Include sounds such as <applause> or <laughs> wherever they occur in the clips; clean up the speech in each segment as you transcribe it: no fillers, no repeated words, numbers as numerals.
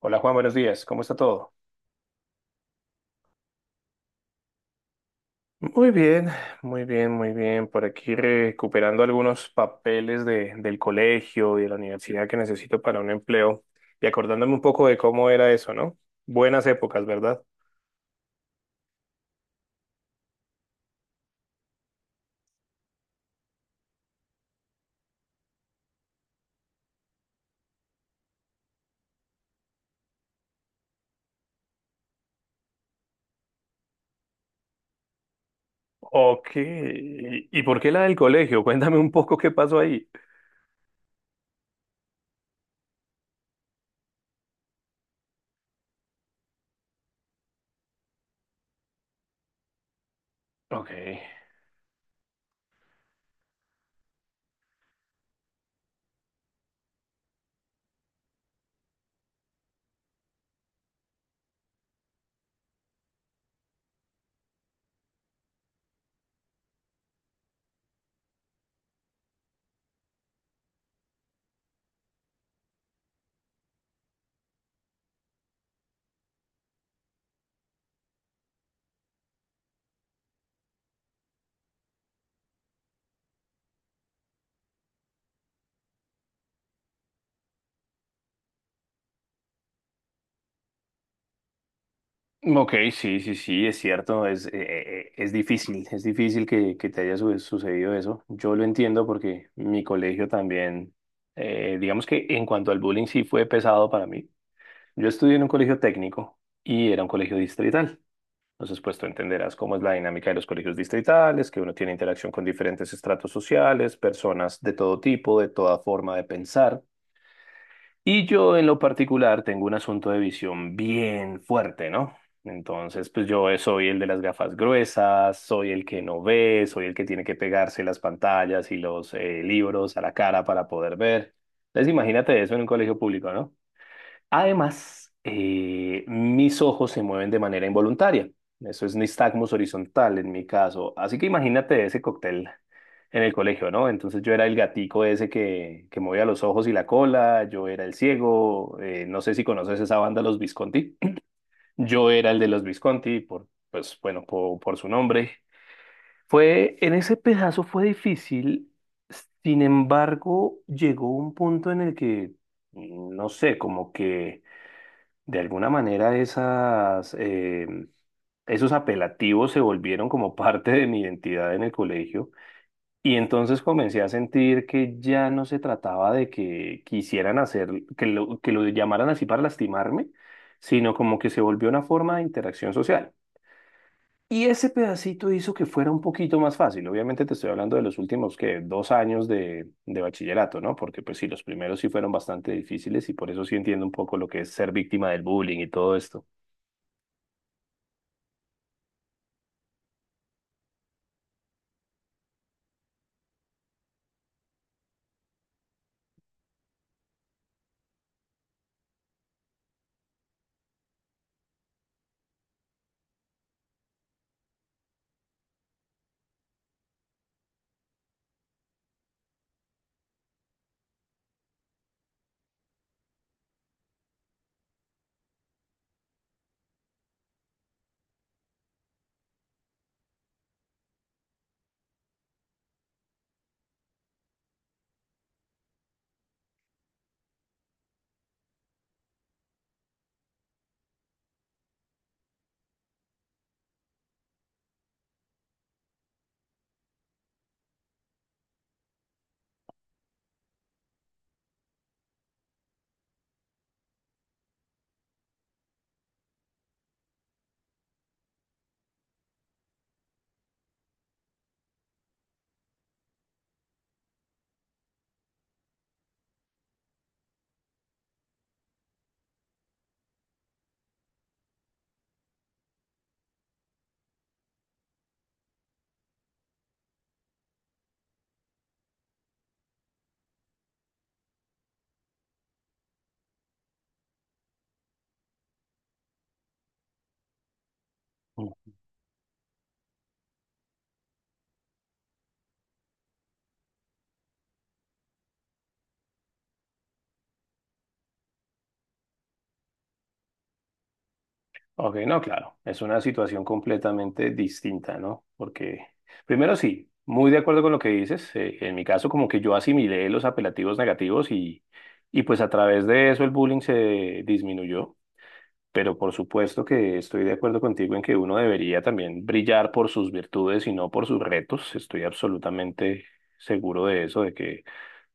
Hola Juan, buenos días. ¿Cómo está todo? Muy bien, muy bien, muy bien. Por aquí recuperando algunos papeles del colegio y de la universidad que necesito para un empleo y acordándome un poco de cómo era eso, ¿no? Buenas épocas, ¿verdad? Ok. ¿Y por qué la del colegio? <laughs> Cuéntame un poco qué pasó ahí. Ok. Ok, sí, sí, sí, es cierto, es difícil, es difícil que te haya sucedido eso. Yo lo entiendo porque mi colegio también, digamos que en cuanto al bullying sí fue pesado para mí. Yo estudié en un colegio técnico y era un colegio distrital. Entonces, pues tú entenderás cómo es la dinámica de los colegios distritales, que uno tiene interacción con diferentes estratos sociales, personas de todo tipo, de toda forma de pensar. Y yo en lo particular tengo un asunto de visión bien fuerte, ¿no? Entonces, pues yo soy el de las gafas gruesas, soy el que no ve, soy el que tiene que pegarse las pantallas y los libros a la cara para poder ver. Entonces, imagínate eso en un colegio público, ¿no? Además, mis ojos se mueven de manera involuntaria. Eso es nistagmus horizontal en mi caso. Así que imagínate ese cóctel en el colegio, ¿no? Entonces yo era el gatico ese que movía los ojos y la cola, yo era el ciego, no sé si conoces esa banda Los Visconti. Yo era el de los Visconti por, pues bueno, por, su nombre. Fue, en ese pedazo fue difícil, sin embargo, llegó un punto en el que, no sé, como que de alguna manera esos apelativos se volvieron como <laughs> parte de mi identidad en el colegio y entonces comencé a sentir que ya no se trataba de que quisieran hacer, que lo llamaran así para lastimarme, sino como que se volvió una forma de interacción social. Y ese pedacito hizo que fuera un poquito más fácil. Obviamente te estoy hablando de los últimos que 2 años de bachillerato, ¿no? Porque pues sí, los primeros sí fueron bastante difíciles y por eso sí entiendo un poco lo que es ser víctima del bullying y todo esto. Ok, no, claro, es una situación completamente distinta, ¿no? Porque, primero sí, muy de acuerdo con lo que dices, en mi caso como que yo asimilé los apelativos negativos y pues a través de eso el bullying se disminuyó, pero por supuesto que estoy de acuerdo contigo en que uno debería también brillar por sus virtudes y no por sus retos, estoy absolutamente seguro de eso, de que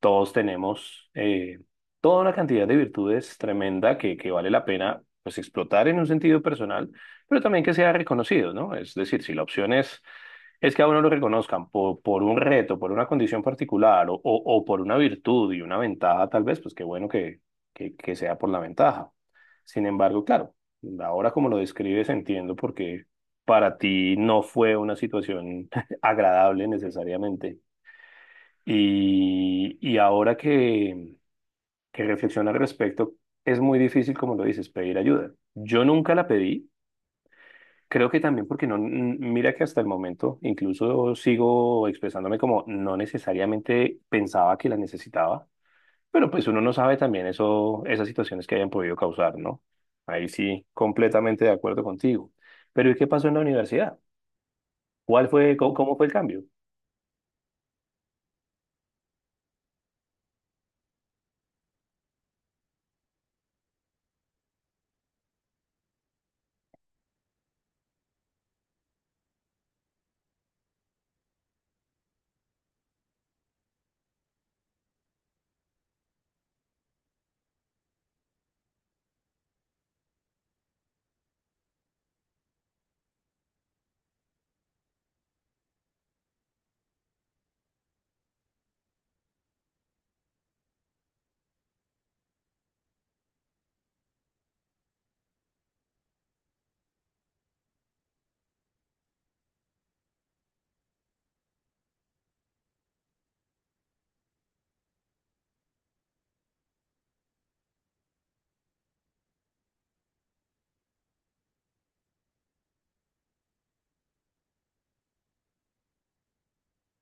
todos tenemos toda una cantidad de virtudes tremenda que vale la pena pues explotar en un sentido personal, pero también que sea reconocido, ¿no? Es decir, si la opción es que a uno lo reconozcan por un reto, por una condición particular o por una virtud y una ventaja, tal vez, pues qué bueno que sea por la ventaja. Sin embargo, claro, ahora como lo describes entiendo porque para ti no fue una situación <laughs> agradable necesariamente. Y ahora que reflexiono al respecto, es muy difícil, como lo dices, pedir ayuda. Yo nunca la pedí, creo que también porque no, mira que hasta el momento incluso sigo expresándome como no necesariamente pensaba que la necesitaba, pero pues uno no sabe también eso, esas situaciones que hayan podido causar, ¿no? Ahí sí, completamente de acuerdo contigo. Pero ¿y qué pasó en la universidad? ¿Cuál fue, cómo, cómo fue el cambio?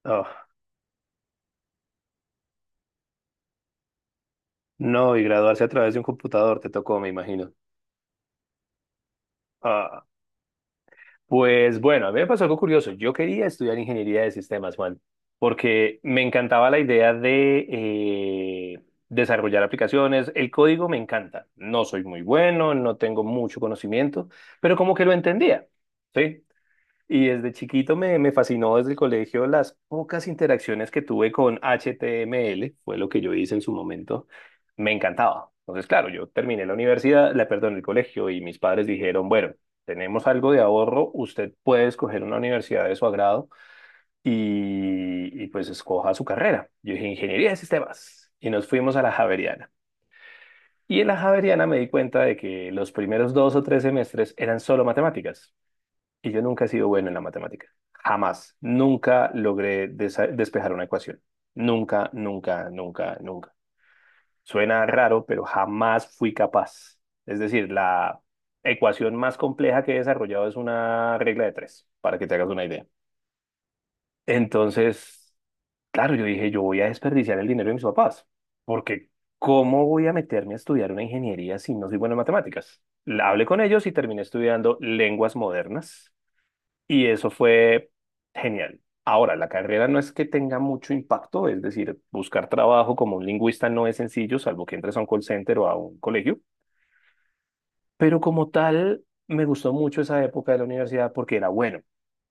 Ah, no, y graduarse a través de un computador te tocó, me imagino. Ah. Pues bueno, a mí me pasó algo curioso. Yo quería estudiar ingeniería de sistemas, Juan, porque me encantaba la idea de eh, desarrollar aplicaciones. El código me encanta. No soy muy bueno, no tengo mucho conocimiento, pero como que lo entendía. ¿Sí? Y desde chiquito me fascinó desde el colegio las pocas interacciones que tuve con HTML, fue lo que yo hice en su momento, me encantaba. Entonces, claro, yo terminé la universidad, la, perdón, el colegio y mis padres dijeron, bueno, tenemos algo de ahorro, usted puede escoger una universidad de su agrado y pues escoja su carrera. Yo dije, ingeniería de sistemas y nos fuimos a la Javeriana. Y en la Javeriana me di cuenta de que los primeros 2 o 3 semestres eran solo matemáticas. Y yo nunca he sido bueno en la matemática. Jamás. Nunca logré despejar una ecuación. Nunca, nunca, nunca, nunca. Suena raro, pero jamás fui capaz. Es decir, la ecuación más compleja que he desarrollado es una regla de tres, para que te hagas una idea. Entonces, claro, yo dije, yo voy a desperdiciar el dinero de mis papás, porque ¿cómo voy a meterme a estudiar una ingeniería si no soy bueno en matemáticas? Hablé con ellos y terminé estudiando lenguas modernas y eso fue genial. Ahora, la carrera no es que tenga mucho impacto, es decir, buscar trabajo como un lingüista no es sencillo, salvo que entres a un call center o a un colegio, pero como tal, me gustó mucho esa época de la universidad porque era bueno.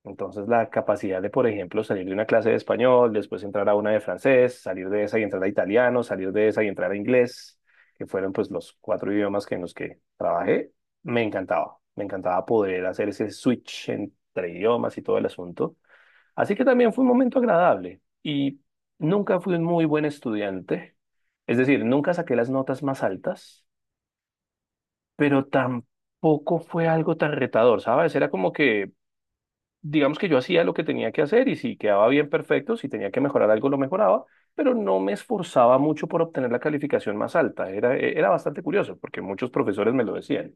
Entonces, la capacidad de, por ejemplo, salir de una clase de español, después entrar a una de francés, salir de esa y entrar a italiano, salir de esa y entrar a inglés, que fueron pues los cuatro idiomas que en los que trabajé, me encantaba. Me encantaba poder hacer ese switch entre idiomas y todo el asunto. Así que también fue un momento agradable y nunca fui un muy buen estudiante. Es decir, nunca saqué las notas más altas pero tampoco fue algo tan retador, ¿sabes? Era como que, digamos que yo hacía lo que tenía que hacer y si quedaba bien perfecto, si tenía que mejorar algo, lo mejoraba, pero no me esforzaba mucho por obtener la calificación más alta. Era bastante curioso porque muchos profesores me lo decían.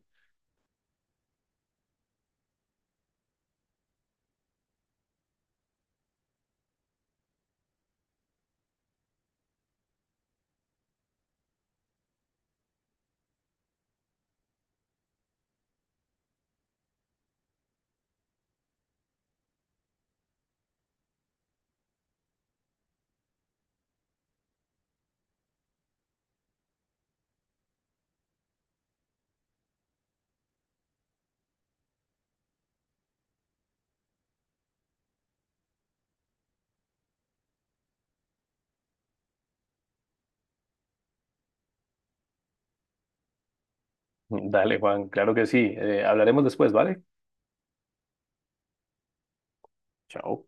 Dale, Juan, claro que sí. Hablaremos después, ¿vale? Chao.